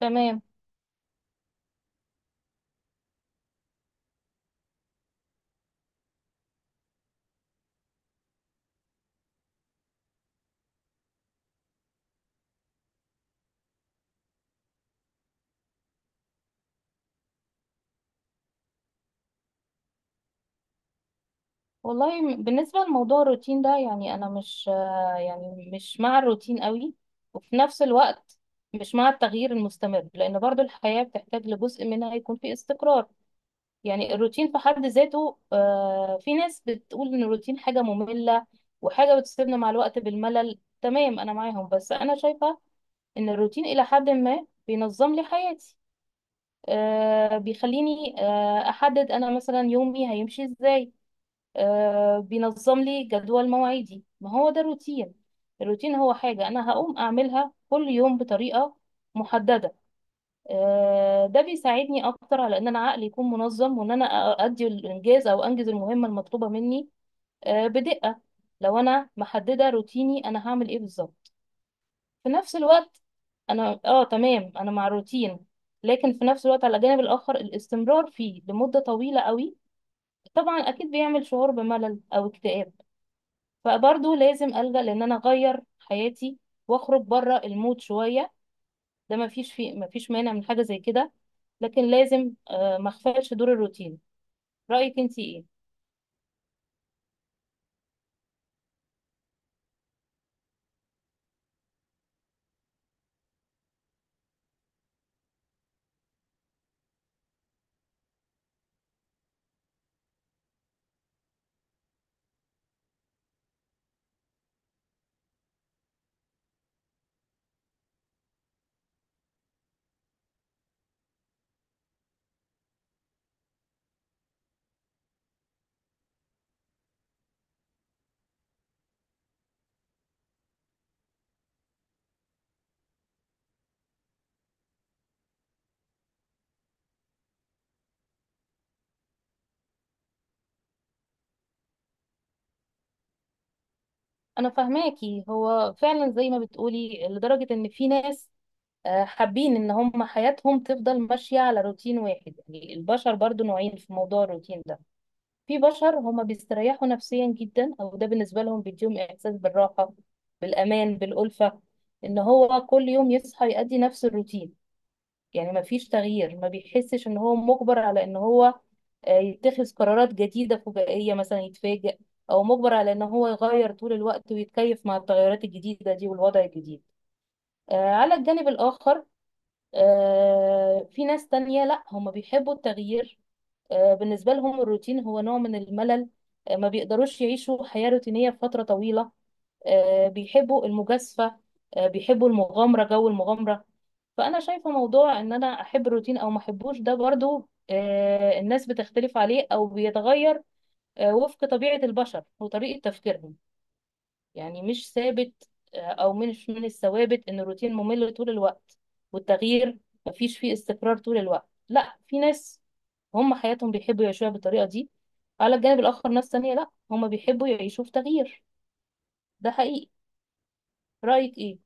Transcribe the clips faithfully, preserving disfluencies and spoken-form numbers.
تمام. والله م- بالنسبة لموضوع الروتين ده، يعني أنا مش آه، يعني مش مع الروتين قوي، وفي نفس الوقت مش مع التغيير المستمر، لأن برضو الحياة بتحتاج لجزء منها يكون فيه استقرار. يعني الروتين في حد ذاته، آه، في ناس بتقول إن الروتين حاجة مملة وحاجة بتسيبنا مع الوقت بالملل. تمام، أنا معاهم، بس أنا شايفة إن الروتين إلى حد ما بينظم لي حياتي. آه، بيخليني آه، أحدد أنا مثلا يومي هيمشي إزاي. آه بينظم لي جدول مواعيدي، ما هو ده الروتين. الروتين هو حاجة أنا هقوم أعملها كل يوم بطريقة محددة. آه ده بيساعدني أكتر على إن أنا عقلي يكون منظم وإن أنا أؤدي الإنجاز أو أنجز المهمة المطلوبة مني آه بدقة. لو أنا محددة روتيني أنا هعمل إيه بالظبط. في نفس الوقت أنا آه تمام أنا مع الروتين، لكن في نفس الوقت على الجانب الآخر الاستمرار فيه لمدة طويلة قوي طبعا أكيد بيعمل شعور بملل أو اكتئاب. فبرضه لازم ألجأ لأن أنا أغير حياتي وأخرج بره المود شوية. ده مفيش فيه مفيش مانع من حاجة زي كده. لكن لازم آه، ما أغفلش دور الروتين. رأيك أنتي إيه؟ أنا فاهماكي، هو فعلا زي ما بتقولي، لدرجة إن في ناس آه، حابين إن هم حياتهم تفضل ماشية على روتين واحد. يعني البشر برضو نوعين في موضوع الروتين ده. في بشر هما بيستريحوا نفسيا جدا، او ده بالنسبه لهم بيديهم احساس بالراحه، بالامان، بالالفه، ان هو كل يوم يصحى يؤدي نفس الروتين. يعني ما فيش تغيير، ما بيحسش ان هو مجبر على ان هو آه، يتخذ قرارات جديده فجائيه مثلا يتفاجئ، او مجبر على ان هو يغير طول الوقت ويتكيف مع التغيرات الجديده دي والوضع الجديد. آه، على الجانب الاخر آه، في ناس تانية، لا هما بيحبوا التغيير. آه، بالنسبة لهم الروتين هو نوع من الملل. آه، ما بيقدروش يعيشوا حياة روتينية فترة طويلة. آه، بيحبوا المجازفة، آه، بيحبوا المغامرة، جو المغامرة. فأنا شايفة موضوع إن أنا أحب الروتين أو ما أحبوش ده برضو، آه، الناس بتختلف عليه أو بيتغير آه، وفق طبيعة البشر وطريقة تفكيرهم. يعني مش ثابت، آه، او مش من الثوابت ان الروتين ممل طول الوقت والتغيير مفيش فيه استقرار طول الوقت. لا، في ناس هم حياتهم بيحبوا يعيشوها بالطريقة دي، على الجانب الآخر ناس تانية لا هم بيحبوا يعيشوا في تغيير. ده حقيقي. رأيك ايه؟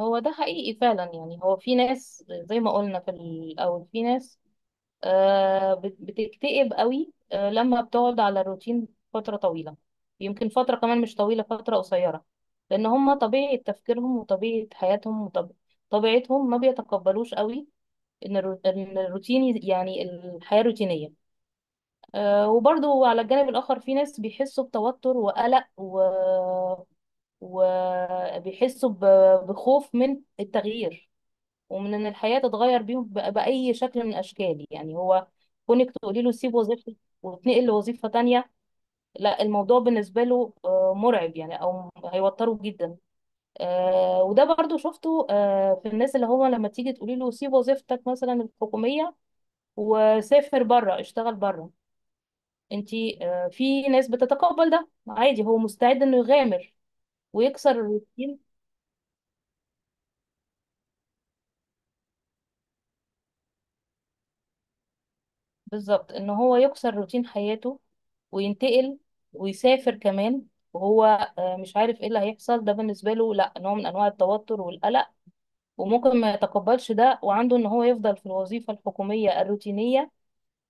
هو ده حقيقي فعلا. يعني هو في ناس زي ما قلنا في الأول، في ناس آه، بت- بتكتئب قوي آه، لما بتقعد على الروتين فترة طويلة، يمكن فترة كمان مش طويلة، فترة قصيرة، لأن هما طبيعة تفكيرهم وطبيعة حياتهم وطبيعتهم ما بيتقبلوش قوي إن الرو- إن الروتين يز- يعني الحياة روتينية. آه، وبرضو على الجانب الآخر في ناس بيحسوا بتوتر وقلق و وبيحسوا ب- بخوف من التغيير ومن ان الحياه تتغير بيهم بأ- باي شكل من الاشكال. يعني هو كونك تقولي له سيب وظيفتك وتنقل لوظيفه تانية، لا الموضوع بالنسبه له آه، مرعب، يعني او هيوتره جدا. آه، وده برضو شفته آه، في الناس، اللي هو لما تيجي تقولي له سيب وظيفتك مثلا الحكوميه وسافر بره اشتغل بره انتي، آه، في ناس بتتقبل ده عادي، هو مستعد انه يغامر ويكسر الروتين. بالظبط، ان هو يكسر روتين حياته وينتقل ويسافر كمان، وهو آه، مش عارف ايه اللي هيحصل. ده بالنسبه له لا، نوع من انواع التوتر والقلق، وممكن ما يتقبلش ده، وعنده ان هو يفضل في الوظيفه الحكوميه الروتينيه،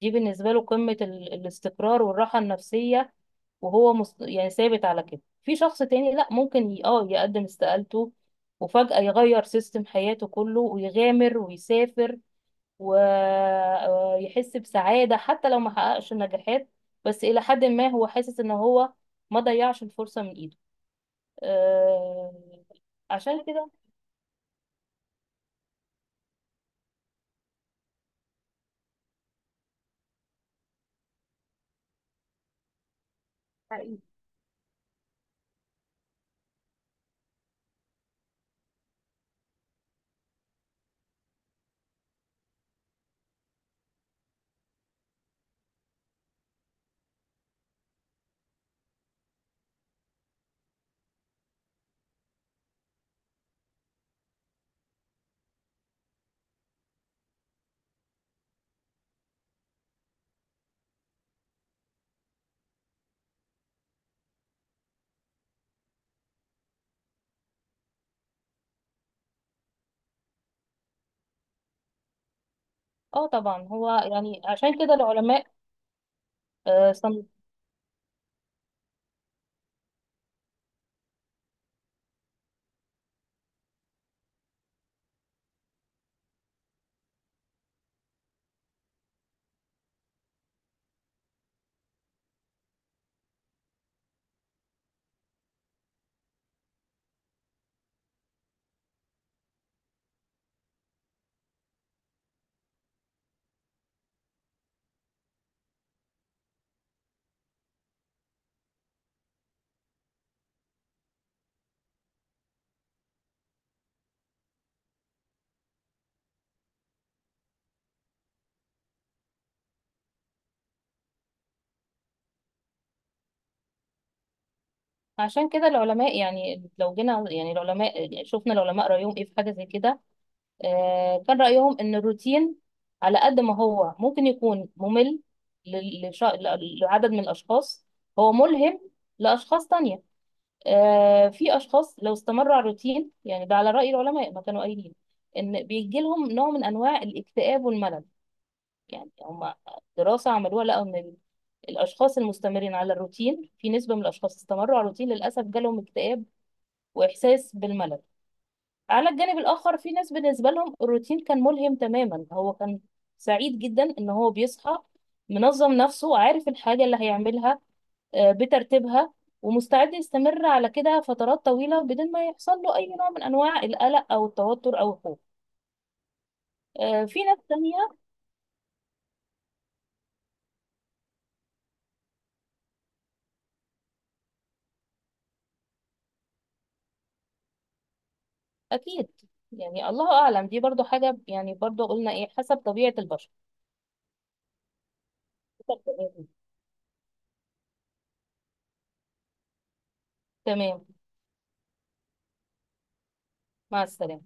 دي بالنسبه له قمه ال- الاستقرار والراحه النفسيه، وهو مس... يعني ثابت على كده. في شخص تاني لا، ممكن ي... اه يقدم استقالته وفجأة يغير سيستم حياته كله ويغامر ويسافر، ويحس بسعادة حتى لو ما حققش نجاحات. بس إلى حد ما هو حاسس إن هو ما ضيعش الفرصة من إيده. آه، عشان كده. حقيقي. اه طبعا هو يعني عشان كده العلماء آه، صن- عشان كده العلماء، يعني لو جينا يعني العلماء، يعني شفنا العلماء رأيهم ايه في حاجة زي كده، آه، كان رأيهم ان الروتين على قد ما هو ممكن يكون ممل لل- لش- لعدد من الأشخاص، هو ملهم لأشخاص تانية. آه، في اشخاص لو استمروا على الروتين، يعني ده على راي العلماء ما كانوا قايلين، ان بيجي لهم نوع من انواع الاكتئاب والملل. يعني هم دراسه عملوها، لقوا ان ال- الاشخاص المستمرين على الروتين، في نسبه من الاشخاص استمروا على الروتين للاسف جالهم اكتئاب واحساس بالملل. على الجانب الاخر في ناس بالنسبه لهم الروتين كان ملهم تماما، هو كان سعيد جدا ان هو بيصحى منظم نفسه عارف الحاجه اللي هيعملها آه، بترتيبها، ومستعد يستمر على كده فترات طويلة بدون ما يحصل له أي نوع من أنواع القلق أو التوتر أو الخوف. آه، في ناس تانية أكيد. يعني الله أعلم، دي برضو حاجة، يعني برضو قلنا إيه، حسب طبيعة البشر، حسب طبيعة البشر. تمام، مع السلامة.